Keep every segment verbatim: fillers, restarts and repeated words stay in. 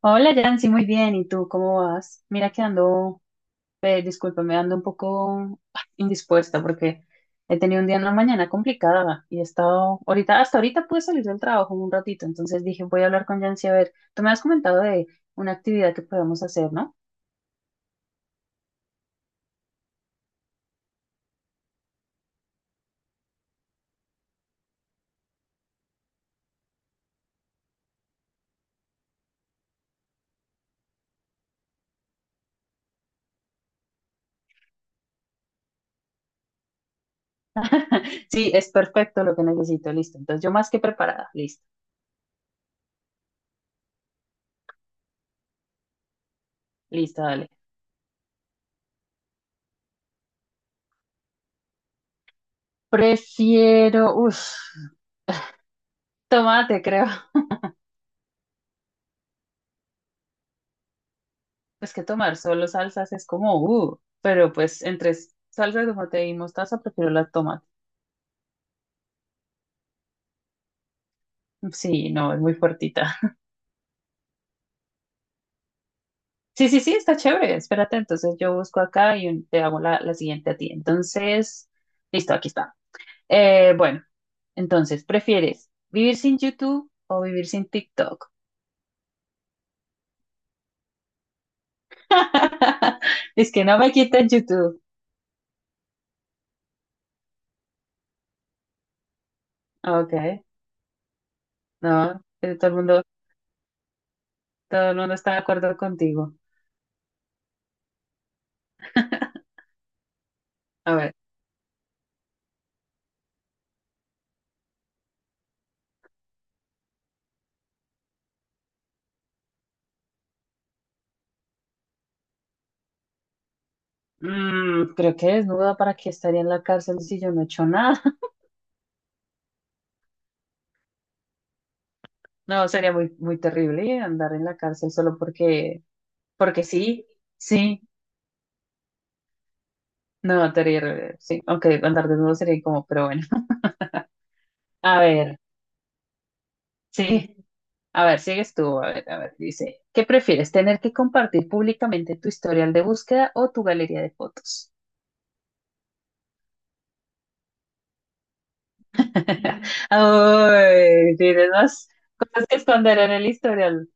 Hola, Yancy, muy bien. ¿Y tú cómo vas? Mira que ando, eh, discúlpame, ando un poco ah, indispuesta porque he tenido un día en la mañana complicada y he estado, ahorita, hasta ahorita pude salir del trabajo un ratito, entonces dije, voy a hablar con Yancy a ver, tú me has comentado de una actividad que podemos hacer, ¿no? Sí, es perfecto lo que necesito, listo. Entonces yo más que preparada, listo, listo, dale. Prefiero, uff, tomate, creo. Es que tomar solo salsas es como, uh, pero pues entre s- salsa de tomate y mostaza prefiero la tomate. Sí, no, es muy fuertita. Sí, sí, sí, está chévere. Espérate, entonces yo busco acá y un- te hago la, la siguiente a ti. Entonces, listo, aquí está. Eh, bueno, entonces, ¿prefieres vivir sin YouTube o vivir sin TikTok? Es que no me quiten YouTube. Ok, no, eh, todo el mundo, todo el mundo está de acuerdo contigo. A ver. Mm, creo que desnuda para que estaría en la cárcel si yo no he hecho nada. No, sería muy, muy terrible andar en la cárcel solo porque, porque sí, sí, no, terrible, sí, aunque andar desnudo sería como, pero bueno. A ver, sí, a ver, sigues tú, a ver, a ver, dice, ¿qué prefieres, tener que compartir públicamente tu historial de búsqueda o tu galería de fotos? Ay, tienes más cosas que esconder en el historial.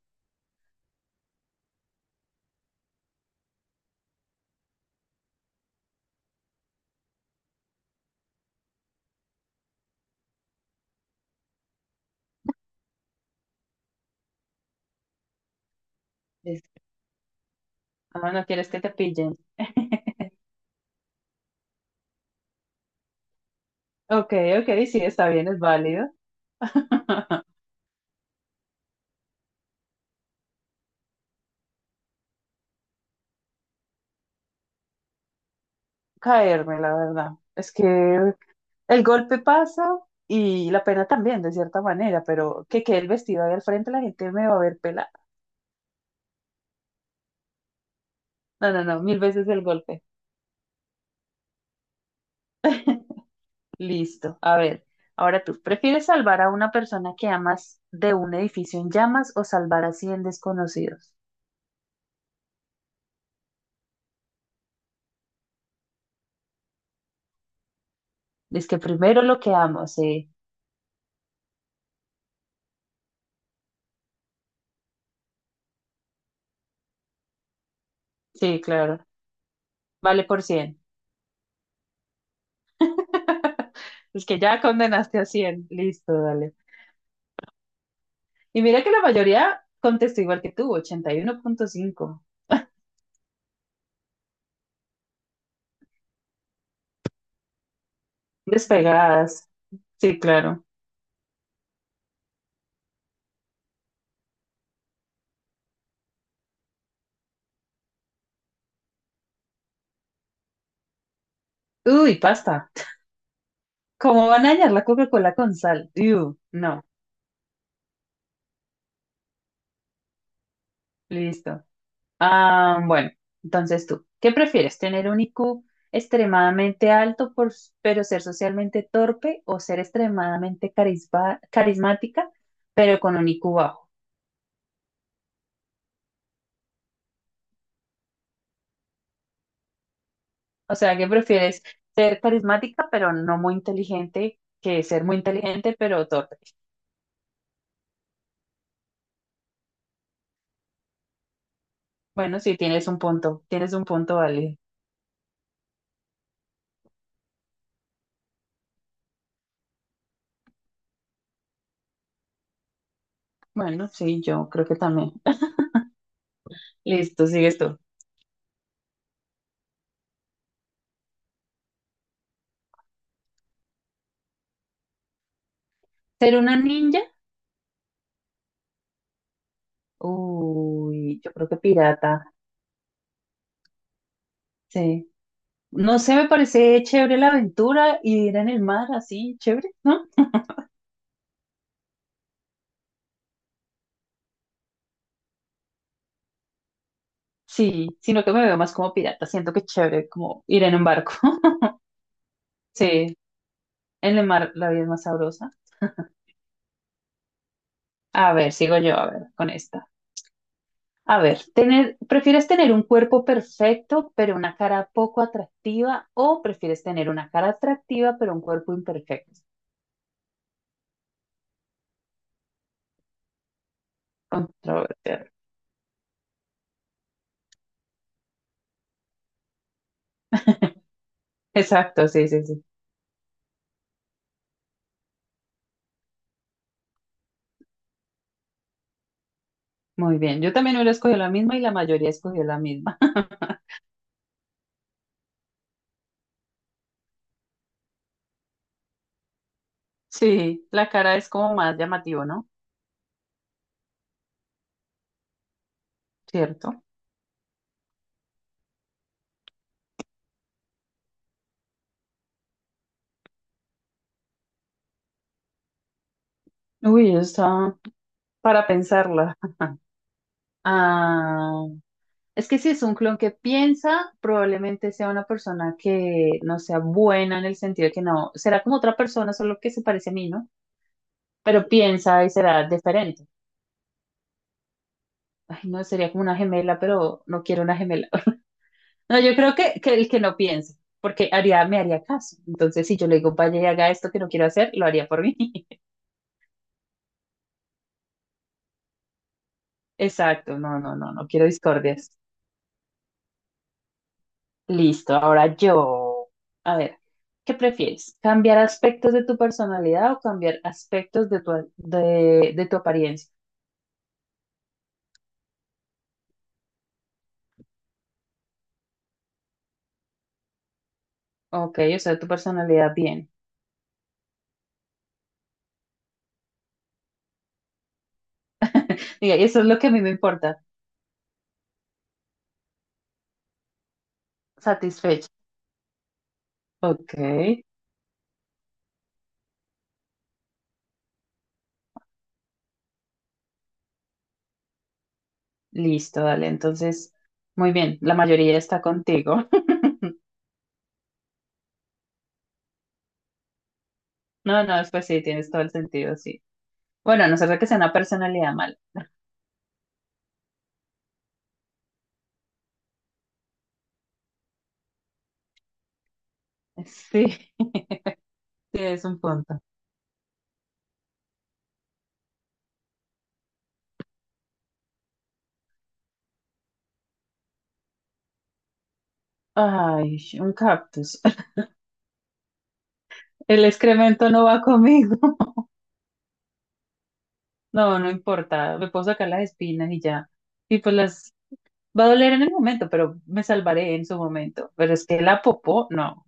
Dice, ah, no quieres que te pillen. Ok, ok, sí, está bien, es válido. Caerme, la verdad. Es que el golpe pasa y la pena también, de cierta manera, pero que quede el vestido ahí al frente, la gente me va a ver pelada. No, no, no, mil veces el golpe. Listo. A ver, ahora tú, ¿prefieres salvar a una persona que amas de un edificio en llamas o salvar a cien desconocidos? Es que primero lo que amo, sí, sí, claro. Vale por cien. Es que ya condenaste a cien. Listo, dale. Y mira que la mayoría contestó igual que tú, ochenta y uno punto cinco. Despegadas. Sí, claro. Uy, pasta. ¿Cómo van a dañar la Coca-Cola con sal? Uy, no. Listo. Ah, bueno, entonces tú, ¿qué prefieres? ¿Tener un I Q extremadamente alto por, s- pero ser socialmente torpe o ser extremadamente carisma- carismática pero con un I Q bajo? O sea, ¿qué prefieres? ¿Ser carismática pero no muy inteligente que ser muy inteligente pero torpe? Bueno, sí, tienes un punto, tienes un punto, vale. Bueno, sí, yo creo que también. Listo, sigue esto. ¿Ser una ninja? Uy, yo creo que pirata, sí. No sé, me parece chévere la aventura y ir en el mar así, chévere, ¿no? Sí, sino que me veo más como pirata, siento que es chévere como ir en un barco. Sí, en el mar la vida es más sabrosa. A ver, sigo yo, a ver, con esta. A ver, tener, ¿prefieres tener un cuerpo perfecto pero una cara poco atractiva o prefieres tener una cara atractiva pero un cuerpo imperfecto? Controversial. Exacto, sí, sí, sí. Muy bien. Yo también hubiera escogido la misma y la mayoría escogió la misma. Sí, la cara es como más llamativo, ¿no? Cierto. Uy, está para pensarla. Ah, es que si es un clon que piensa, probablemente sea una persona que no sea buena en el sentido de que no, será como otra persona, solo que se parece a mí, ¿no? Pero piensa y será diferente. Ay, no, sería como una gemela, pero no quiero una gemela. No, yo creo que, que el que no piense, porque haría, me haría caso. Entonces, si yo le digo, vaya y haga esto que no quiero hacer, lo haría por mí. Exacto, no, no, no, no quiero discordias. Listo, ahora yo. A ver, ¿qué prefieres? ¿Cambiar aspectos de tu personalidad o cambiar aspectos de tu, de, de tu apariencia? Ok, o sea, tu personalidad bien. Mira, y eso es lo que a mí me importa. Satisfecho. Ok. Listo, dale. Entonces, muy bien, la mayoría está contigo. No, no, pues sí, tienes todo el sentido, sí. Bueno, a no ser de que sea una personalidad mala. Sí, sí, es un punto. Ay, un cactus. El excremento no va conmigo. No, no importa. Me puedo sacar las espinas y ya. Y pues las va a doler en el momento, pero me salvaré en su momento. Pero es que la popó, no.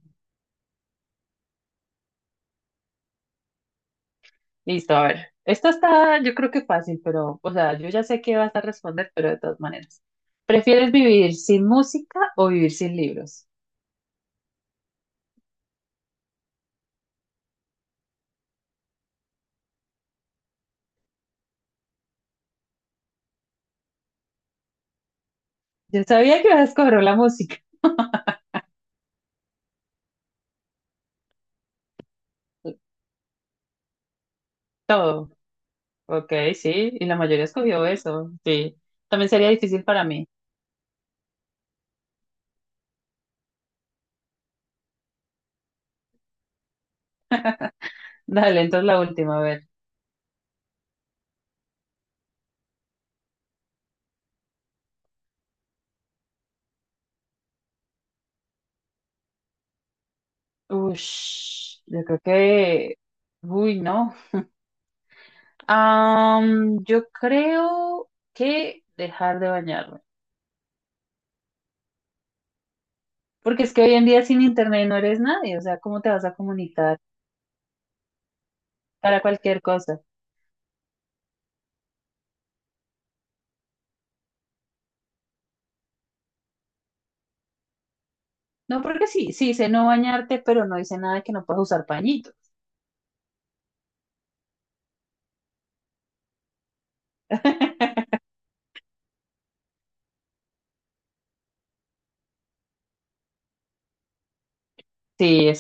Listo, a ver. Esto está, yo creo que fácil, pero, o sea, yo ya sé que vas a responder, pero de todas maneras. ¿Prefieres vivir sin música o vivir sin libros? Yo sabía que ibas a escoger la música. Todo. Ok, sí. Y la mayoría escogió eso. Sí. También sería difícil para mí. Dale, entonces la última, a ver. Ush, yo creo que. Uy, no. Am, yo creo que dejar de bañarme. Porque es que hoy en día sin internet no eres nadie. O sea, ¿cómo te vas a comunicar? Para cualquier cosa. No, porque sí, sí dice no bañarte, pero no dice nada que no puedas usar pañitos. Sí,